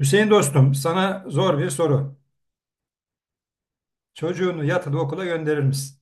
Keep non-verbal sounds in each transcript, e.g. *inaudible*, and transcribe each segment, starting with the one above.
Hüseyin dostum, sana zor bir soru. Çocuğunu yatılı okula gönderir misin?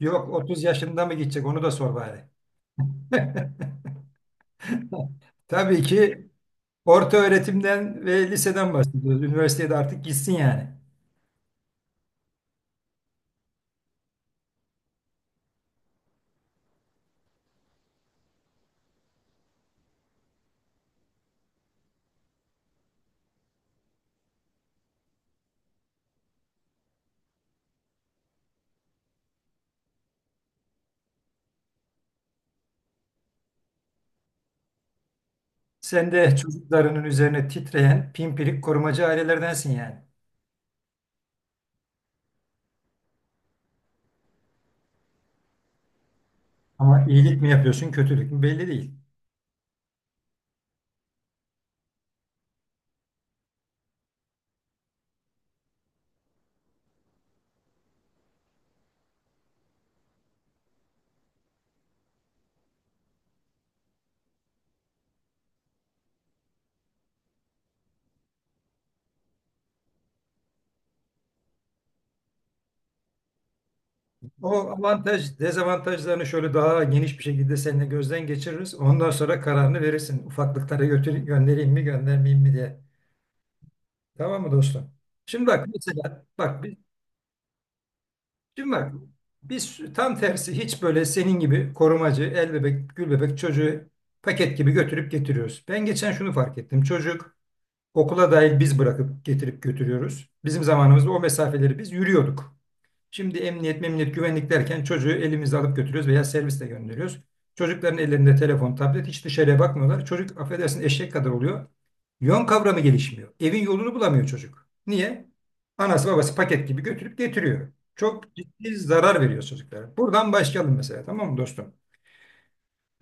Yok, 30 yaşında mı gidecek onu da sor bari. *laughs* Tabii ki orta öğretimden ve liseden bahsediyoruz. Üniversitede artık gitsin yani. Sen de çocuklarının üzerine titreyen pimpirik korumacı ailelerdensin yani. Ama iyilik mi yapıyorsun, kötülük mü belli değil. O avantaj, dezavantajlarını şöyle daha geniş bir şekilde seninle gözden geçiririz. Ondan sonra kararını verirsin. Ufaklıklara götür, göndereyim mi, göndermeyeyim mi diye. Tamam mı dostum? Şimdi bak mesela bak biz Şimdi bak, biz tam tersi, hiç böyle senin gibi korumacı el bebek gül bebek çocuğu paket gibi götürüp getiriyoruz. Ben geçen şunu fark ettim. Çocuk okula dahil biz bırakıp getirip götürüyoruz. Bizim zamanımızda o mesafeleri biz yürüyorduk. Şimdi emniyet, memniyet, güvenlik derken çocuğu elimizde alıp götürüyoruz veya servisle gönderiyoruz. Çocukların ellerinde telefon, tablet, hiç dışarıya bakmıyorlar. Çocuk affedersin eşek kadar oluyor. Yön kavramı gelişmiyor. Evin yolunu bulamıyor çocuk. Niye? Anası babası paket gibi götürüp getiriyor. Çok ciddi zarar veriyor çocuklara. Buradan başlayalım mesela, tamam mı dostum?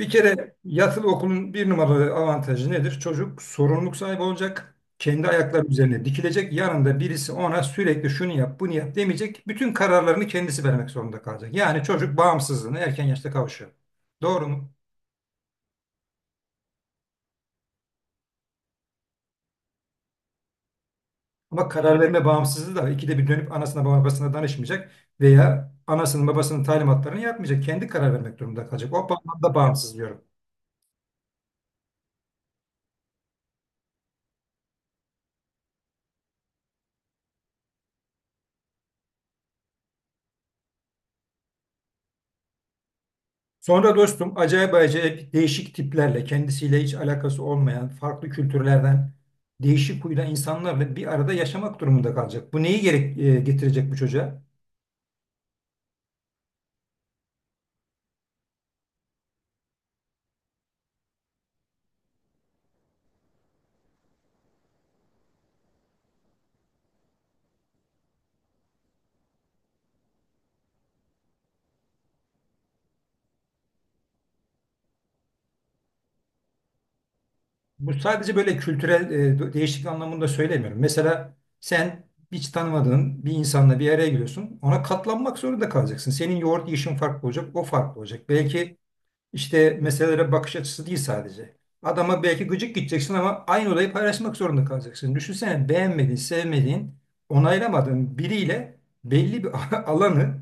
Bir kere yatılı okulun bir numaralı avantajı nedir? Çocuk sorumluluk sahibi olacak. Kendi ayakları üzerine dikilecek. Yanında birisi ona sürekli şunu yap, bunu yap demeyecek. Bütün kararlarını kendisi vermek zorunda kalacak. Yani çocuk bağımsızlığına erken yaşta kavuşuyor. Doğru mu? Ama karar verme bağımsızlığı da, ikide bir dönüp anasına babasına danışmayacak veya anasının babasının talimatlarını yapmayacak. Kendi karar vermek durumunda kalacak. O bağlamda bağımsız diyorum. Sonra dostum, acayip acayip değişik tiplerle, kendisiyle hiç alakası olmayan farklı kültürlerden değişik huyda insanlarla bir arada yaşamak durumunda kalacak. Bu neyi getirecek bu çocuğa? Bu sadece böyle kültürel değişiklik anlamında söylemiyorum. Mesela sen hiç tanımadığın bir insanla bir araya giriyorsun. Ona katlanmak zorunda kalacaksın. Senin yoğurt yiyişin farklı olacak, o farklı olacak. Belki İşte meselelere bakış açısı değil sadece. Adama belki gıcık gideceksin ama aynı olayı paylaşmak zorunda kalacaksın. Düşünsene, beğenmediğin, sevmediğin, onaylamadığın biriyle belli bir *laughs* alanı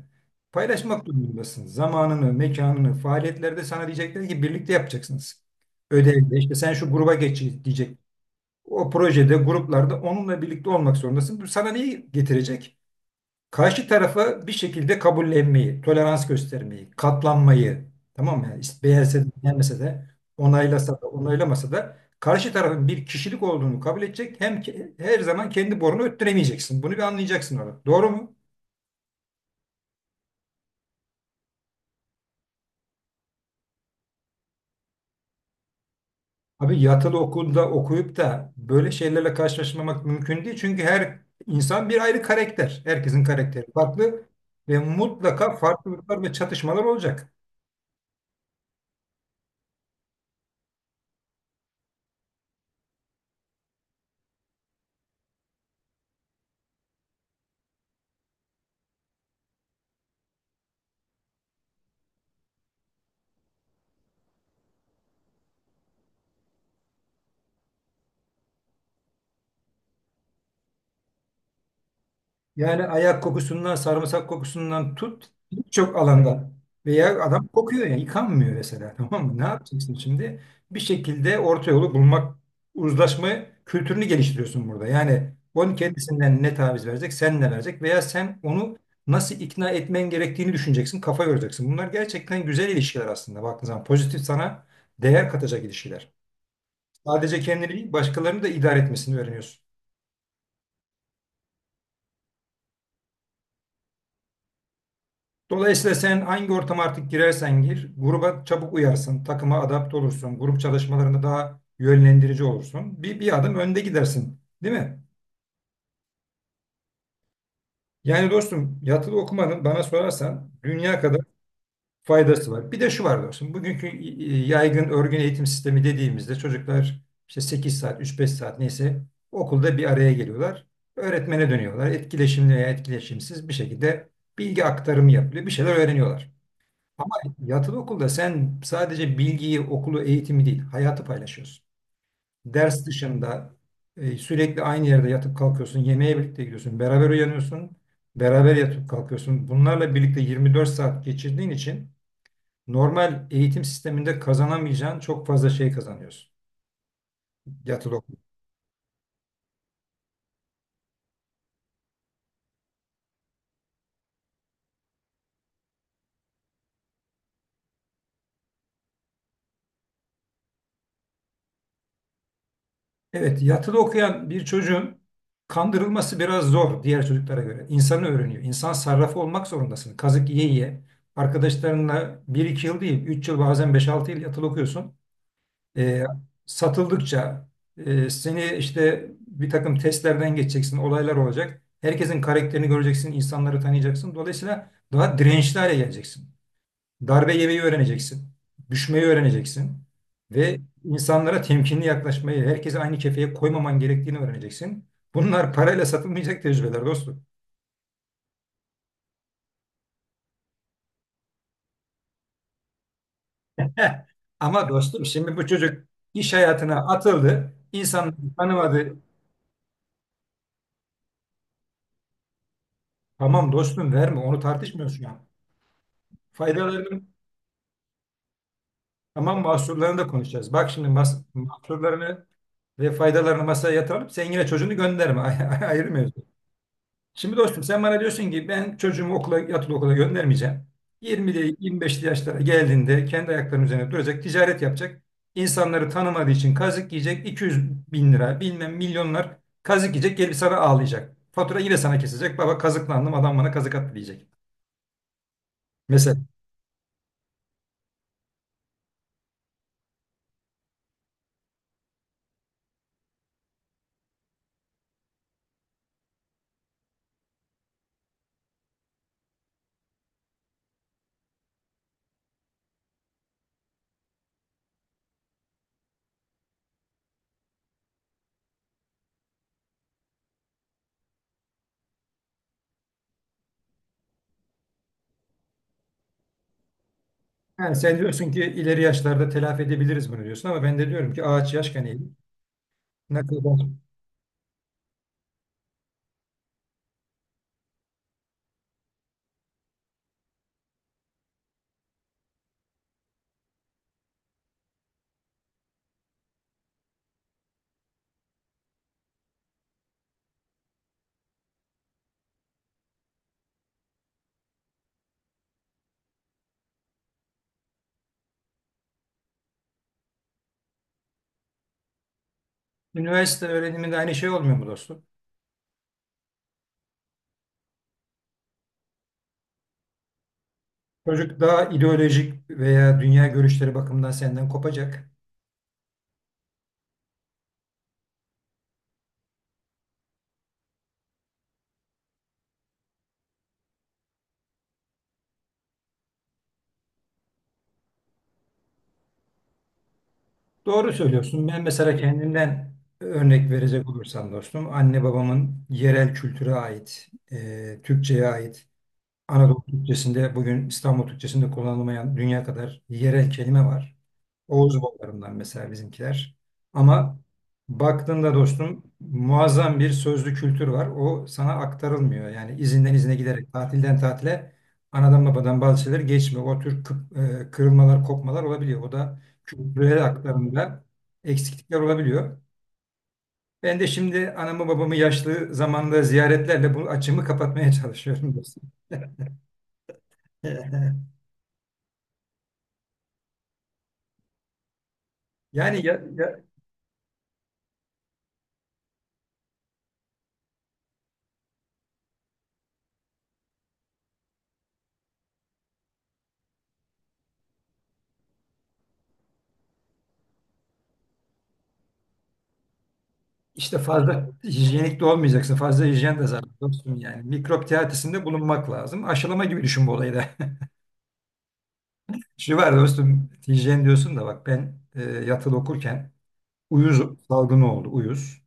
paylaşmak durumundasın. Zamanını, mekanını, faaliyetlerde sana diyecekler ki birlikte yapacaksınız. Ödevde işte sen şu gruba geç diyecek. O projede, gruplarda onunla birlikte olmak zorundasın. Bu sana neyi getirecek? Karşı tarafa bir şekilde kabullenmeyi, tolerans göstermeyi, katlanmayı, tamam mı? Yani işte beğense de beğenmese de, onaylasa da onaylamasa da karşı tarafın bir kişilik olduğunu kabul edecek. Hem ki, her zaman kendi borunu öttüremeyeceksin. Bunu bir anlayacaksın orada. Doğru mu? Abi, yatılı okulda okuyup da böyle şeylerle karşılaşmamak mümkün değil. Çünkü her insan bir ayrı karakter. Herkesin karakteri farklı ve mutlaka farklılıklar ve çatışmalar olacak. Yani ayak kokusundan, sarımsak kokusundan tut, birçok alanda. Veya adam kokuyor yani, yıkanmıyor mesela *laughs* tamam mı? Ne yapacaksın şimdi? Bir şekilde orta yolu bulmak, uzlaşma kültürünü geliştiriyorsun burada. Yani onun kendisinden ne taviz verecek, sen ne verecek veya sen onu nasıl ikna etmen gerektiğini düşüneceksin, kafa yoracaksın. Bunlar gerçekten güzel ilişkiler aslında baktığın zaman. Pozitif, sana değer katacak ilişkiler. Sadece kendini değil, başkalarını da idare etmesini öğreniyorsun. Dolayısıyla sen hangi ortama artık girersen gir, gruba çabuk uyarsın, takıma adapte olursun, grup çalışmalarında daha yönlendirici olursun. Bir adım önde gidersin, değil mi? Yani dostum, yatılı okumanın bana sorarsan dünya kadar faydası var. Bir de şu var dostum, bugünkü yaygın örgün eğitim sistemi dediğimizde çocuklar işte 8 saat, üç beş saat neyse okulda bir araya geliyorlar. Öğretmene dönüyorlar. Etkileşimli veya etkileşimsiz bir şekilde bilgi aktarımı yapılıyor. Bir şeyler öğreniyorlar. Ama yatılı okulda sen sadece bilgiyi, okulu, eğitimi değil, hayatı paylaşıyorsun. Ders dışında sürekli aynı yerde yatıp kalkıyorsun, yemeğe birlikte gidiyorsun, beraber uyanıyorsun, beraber yatıp kalkıyorsun. Bunlarla birlikte 24 saat geçirdiğin için normal eğitim sisteminde kazanamayacağın çok fazla şey kazanıyorsun yatılı okulda. Evet, yatılı okuyan bir çocuğun kandırılması biraz zor, diğer çocuklara göre. İnsanı öğreniyor. İnsan sarrafı olmak zorundasın. Kazık yiye yiye. Arkadaşlarınla bir iki yıl değil, 3 yıl, bazen beş altı yıl yatılı okuyorsun. Ee, Satıldıkça seni işte bir takım testlerden geçeceksin, olaylar olacak. Herkesin karakterini göreceksin, insanları tanıyacaksın. Dolayısıyla daha dirençli hale geleceksin. Darbe yemeyi öğreneceksin. Düşmeyi öğreneceksin. Ve insanlara temkinli yaklaşmayı, herkese aynı kefeye koymaman gerektiğini öğreneceksin. Bunlar parayla satılmayacak tecrübeler dostum. Heh. Ama dostum, şimdi bu çocuk iş hayatına atıldı. İnsanları tanımadı. Tamam dostum, verme, onu tartışmıyoruz şu an. Faydalarını, tamam, mahsurlarını da konuşacağız. Bak şimdi, mahsurlarını ve faydalarını masaya yatıralım. Sen yine çocuğunu gönderme. *laughs* Ayırmıyoruz. Şimdi dostum, sen bana diyorsun ki ben çocuğumu okula, yatılı okula göndermeyeceğim. 20'li 25'li yaşlara geldiğinde kendi ayaklarının üzerine duracak, ticaret yapacak. İnsanları tanımadığı için kazık yiyecek, 200 bin lira, bilmem milyonlar kazık yiyecek, gelip sana ağlayacak. Fatura yine sana kesecek, baba kazıklandım, adam bana kazık attı diyecek. Mesela yani sen diyorsun ki ileri yaşlarda telafi edebiliriz bunu diyorsun, ama ben de diyorum ki ağaç yaşken eğilir. Ne kadar üniversite öğreniminde aynı şey olmuyor mu dostum? Çocuk daha ideolojik veya dünya görüşleri bakımından senden kopacak. Doğru söylüyorsun. Ben mesela kendimden örnek verecek olursam dostum, anne babamın yerel kültüre ait, Türkçe'ye ait, Anadolu Türkçesinde, bugün İstanbul Türkçesinde kullanılmayan dünya kadar yerel kelime var. Oğuz boylarından mesela bizimkiler. Ama baktığında dostum, muazzam bir sözlü kültür var. O sana aktarılmıyor. Yani izinden izine giderek, tatilden tatile anadan babadan bazı şeyler geçmiyor. O tür kırılmalar, kopmalar olabiliyor. O da kültürel aktarımda eksiklikler olabiliyor. Ben de şimdi anamı babamı yaşlı zamanda ziyaretlerle bu açımı kapatmaya çalışıyorum dostum. *laughs* Yani ya işte fazla hijyenik de olmayacaksın. Fazla hijyen de zaten, dostum yani. Mikrop teatisinde bulunmak lazım. Aşılama gibi düşün bu olayı da. *laughs* Şu var dostum, hijyen diyorsun da bak, ben yatılı okurken uyuz salgını oldu, uyuz.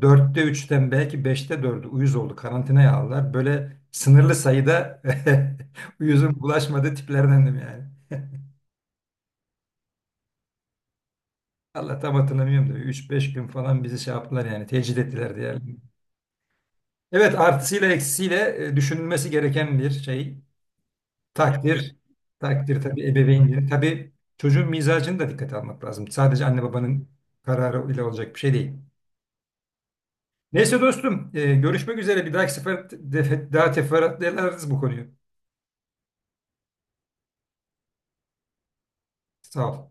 Dörtte üçten belki beşte dördü uyuz oldu. Karantinaya aldılar. Böyle sınırlı sayıda *laughs* uyuzun bulaşmadığı tiplerdendim yani. Allah, tam hatırlamıyorum da üç beş gün falan bizi şey yaptılar yani, tecrit ettiler diye. Evet, artısıyla eksisiyle düşünülmesi gereken bir şey. Takdir. Takdir tabii ebeveynlerin. Tabii çocuğun mizacını da dikkate almak lazım. Sadece anne babanın kararı ile olacak bir şey değil. Neyse dostum, görüşmek üzere. Bir dahaki sefer daha teferruatlı ederiz bu konuyu. Sağ ol.